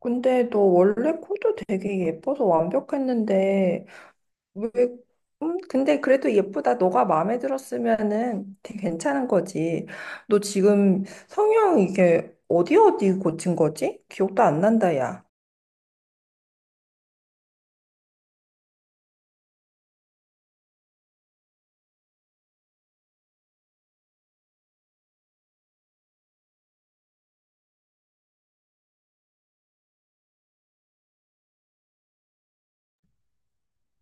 근데 너 원래 코도 되게 예뻐서 완벽했는데 왜 근데 그래도 예쁘다. 너가 마음에 들었으면은 되게 괜찮은 거지. 너 지금 성형 이게 어디 어디 고친 거지? 기억도 안 난다, 야.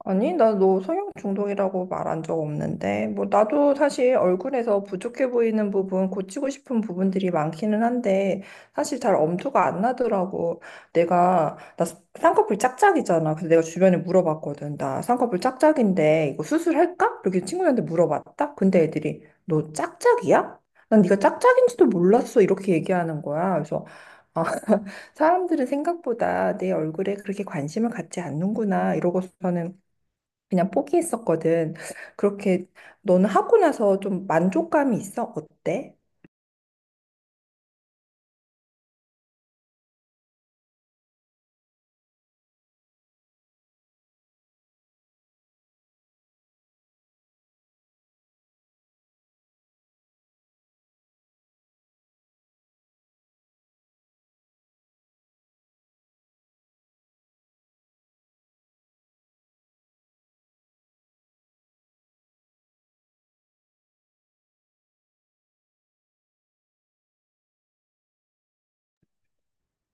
아니, 나 너 성형 중독이라고 말한 적 없는데, 뭐, 나도 사실 얼굴에서 부족해 보이는 부분, 고치고 싶은 부분들이 많기는 한데, 사실 잘 엄두가 안 나더라고. 나 쌍꺼풀 짝짝이잖아. 그래서 내가 주변에 물어봤거든. 나 쌍꺼풀 짝짝인데, 이거 수술할까? 이렇게 친구들한테 물어봤다? 근데 애들이, 너 짝짝이야? 난 네가 짝짝인지도 몰랐어. 이렇게 얘기하는 거야. 그래서, 아, 사람들은 생각보다 내 얼굴에 그렇게 관심을 갖지 않는구나. 이러고서는 그냥 포기했었거든. 그렇게 너는 하고 나서 좀 만족감이 있어? 어때?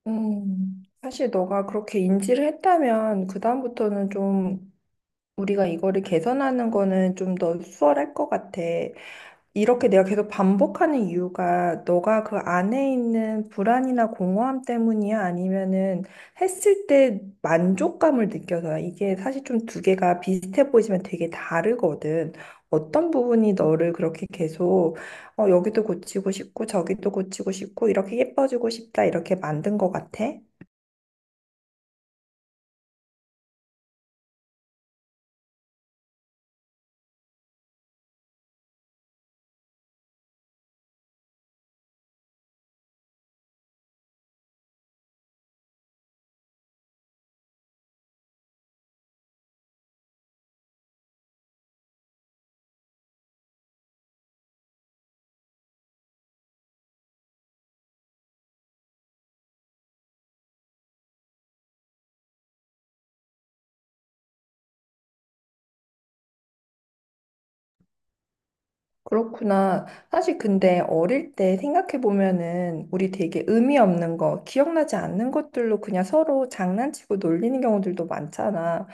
사실 너가 그렇게 인지를 했다면 그다음부터는 좀 우리가 이거를 개선하는 거는 좀 더 수월할 것 같아. 이렇게 내가 계속 반복하는 이유가 너가 그 안에 있는 불안이나 공허함 때문이야? 아니면은 했을 때 만족감을 느껴서야? 이게 사실 좀 두 개가 비슷해 보이지만 되게 다르거든. 어떤 부분이 너를 그렇게 계속 여기도 고치고 싶고 저기도 고치고 싶고 이렇게 예뻐지고 싶다 이렇게 만든 것 같아? 그렇구나. 사실 근데 어릴 때 생각해 보면은 우리 되게 의미 없는 거, 기억나지 않는 것들로 그냥 서로 장난치고 놀리는 경우들도 많잖아.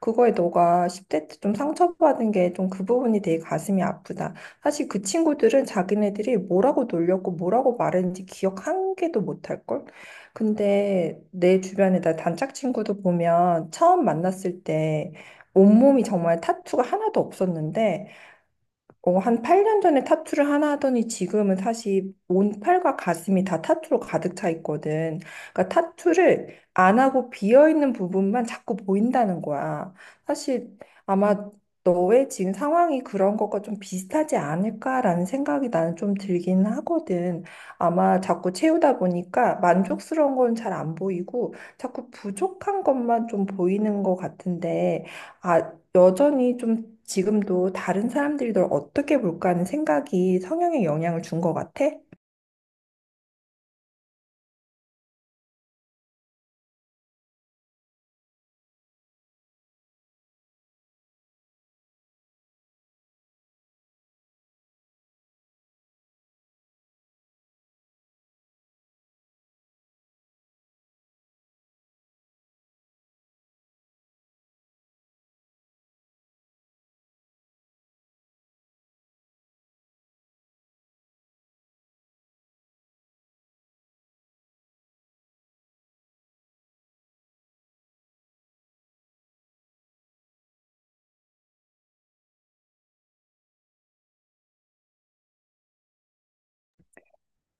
그거에 너가 10대 때 좀 상처받은 게 좀 그 부분이 되게 가슴이 아프다. 사실 그 친구들은 자기네들이 뭐라고 놀렸고 뭐라고 말했는지 기억 한 개도 못 할걸? 근데 내 주변에 나 단짝 친구도 보면 처음 만났을 때 온몸이 정말 타투가 하나도 없었는데 어, 한 8년 전에 타투를 하나 하더니 지금은 사실 온 팔과 가슴이 다 타투로 가득 차 있거든. 그러니까 타투를 안 하고 비어 있는 부분만 자꾸 보인다는 거야. 사실 아마 너의 지금 상황이 그런 것과 좀 비슷하지 않을까라는 생각이 나는 좀 들긴 하거든. 아마 자꾸 채우다 보니까 만족스러운 건 잘 안 보이고 자꾸 부족한 것만 좀 보이는 것 같은데, 아, 여전히 좀 지금도 다른 사람들이 널 어떻게 볼까 하는 생각이 성향에 영향을 준 것 같아?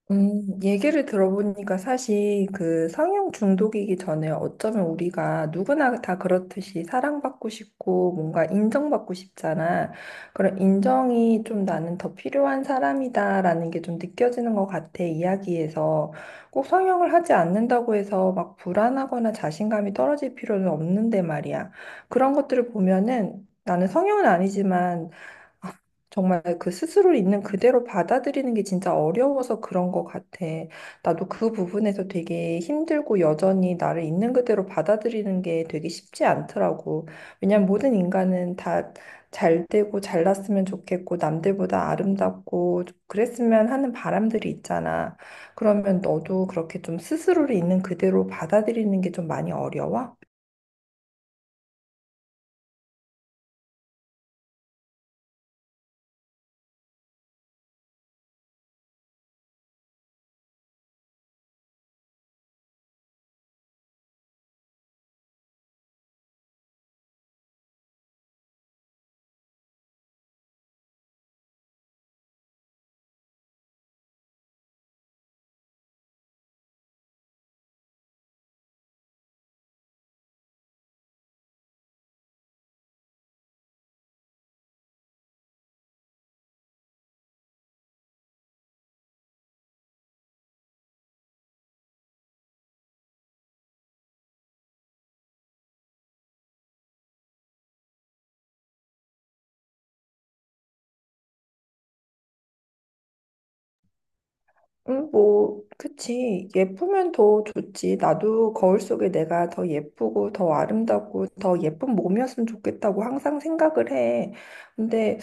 얘기를 들어보니까 사실 그 성형 중독이기 전에 어쩌면 우리가 누구나 다 그렇듯이 사랑받고 싶고 뭔가 인정받고 싶잖아. 그런 인정이 좀 나는 더 필요한 사람이다라는 게 좀 느껴지는 것 같아, 이야기에서. 꼭 성형을 하지 않는다고 해서 막 불안하거나 자신감이 떨어질 필요는 없는데 말이야. 그런 것들을 보면은 나는 성형은 아니지만 정말 그 스스로 있는 그대로 받아들이는 게 진짜 어려워서 그런 것 같아. 나도 그 부분에서 되게 힘들고 여전히 나를 있는 그대로 받아들이는 게 되게 쉽지 않더라고. 왜냐면 모든 인간은 다 잘 되고 잘났으면 좋겠고 남들보다 아름답고 그랬으면 하는 바람들이 있잖아. 그러면 너도 그렇게 좀 스스로를 있는 그대로 받아들이는 게 좀 많이 어려워? 뭐, 그치. 예쁘면 더 좋지. 나도 거울 속에 내가 더 예쁘고, 더 아름답고, 더 예쁜 몸이었으면 좋겠다고 항상 생각을 해. 근데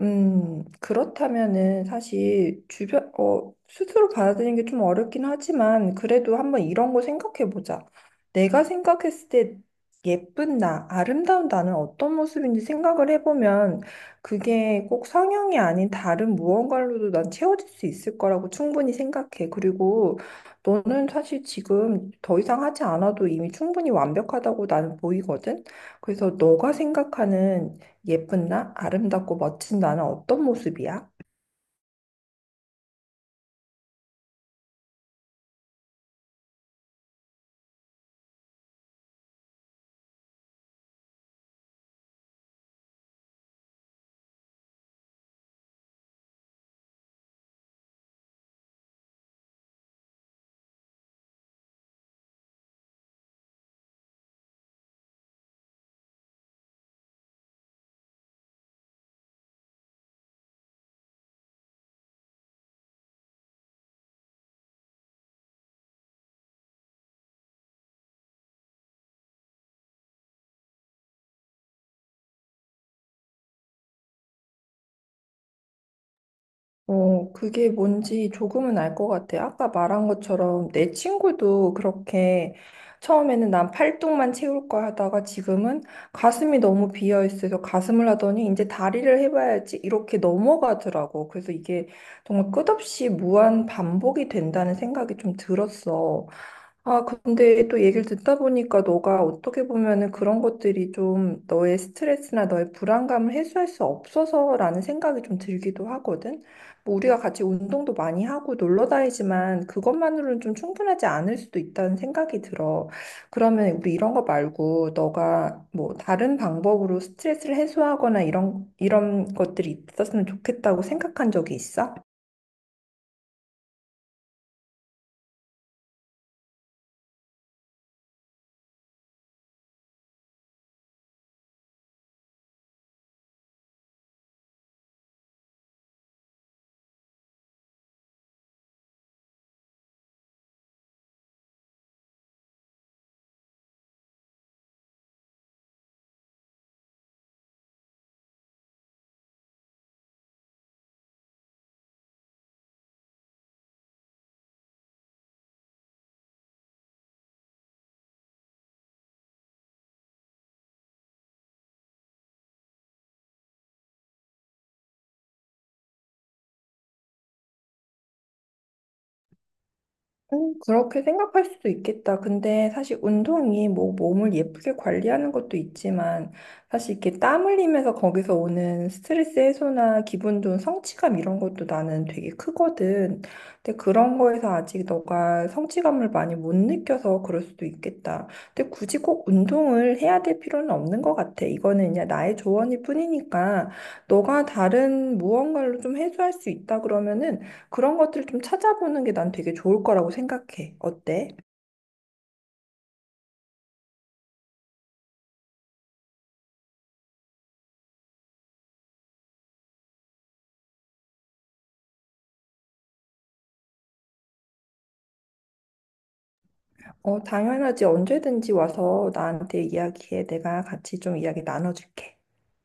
그렇다면은 사실 주변, 스스로 받아들이는 게 좀 어렵긴 하지만 그래도 한번 이런 거 생각해 보자. 내가 생각했을 때 예쁜 나, 아름다운 나는 어떤 모습인지 생각을 해보면 그게 꼭 성형이 아닌 다른 무언가로도 난 채워질 수 있을 거라고 충분히 생각해. 그리고 너는 사실 지금 더 이상 하지 않아도 이미 충분히 완벽하다고 나는 보이거든. 그래서 너가 생각하는 예쁜 나? 아름답고 멋진 나는 어떤 모습이야? 어, 그게 뭔지 조금은 알 것 같아. 아까 말한 것처럼 내 친구도 그렇게 처음에는 난 팔뚝만 채울 거야 하다가 지금은 가슴이 너무 비어 있어서 가슴을 하더니 이제 다리를 해봐야지 이렇게 넘어가더라고. 그래서 이게 정말 끝없이 무한 반복이 된다는 생각이 좀 들었어. 아, 근데 또 얘기를 듣다 보니까 너가 어떻게 보면은 그런 것들이 좀 너의 스트레스나 너의 불안감을 해소할 수 없어서라는 생각이 좀 들기도 하거든. 뭐 우리가 같이 운동도 많이 하고 놀러 다니지만 그것만으로는 좀 충분하지 않을 수도 있다는 생각이 들어. 그러면 우리 이런 거 말고 너가 뭐 다른 방법으로 스트레스를 해소하거나 이런, 이런 것들이 있었으면 좋겠다고 생각한 적이 있어? 그렇게 생각할 수도 있겠다. 근데 사실 운동이 뭐 몸을 예쁘게 관리하는 것도 있지만 사실 이렇게 땀 흘리면서 거기서 오는 스트레스 해소나 기분 좋은 성취감 이런 것도 나는 되게 크거든. 근데 그런 거에서 아직 너가 성취감을 많이 못 느껴서 그럴 수도 있겠다. 근데 굳이 꼭 운동을 해야 될 필요는 없는 것 같아. 이거는 그냥 나의 조언일 뿐이니까 너가 다른 무언가로 좀 해소할 수 있다 그러면은 그런 것들을 좀 찾아보는 게 난 되게 좋을 거라고 생각해. 어때? 어, 당연하지. 언제든지 와서 나한테 이야기해. 내가 같이 좀 이야기 나눠줄게.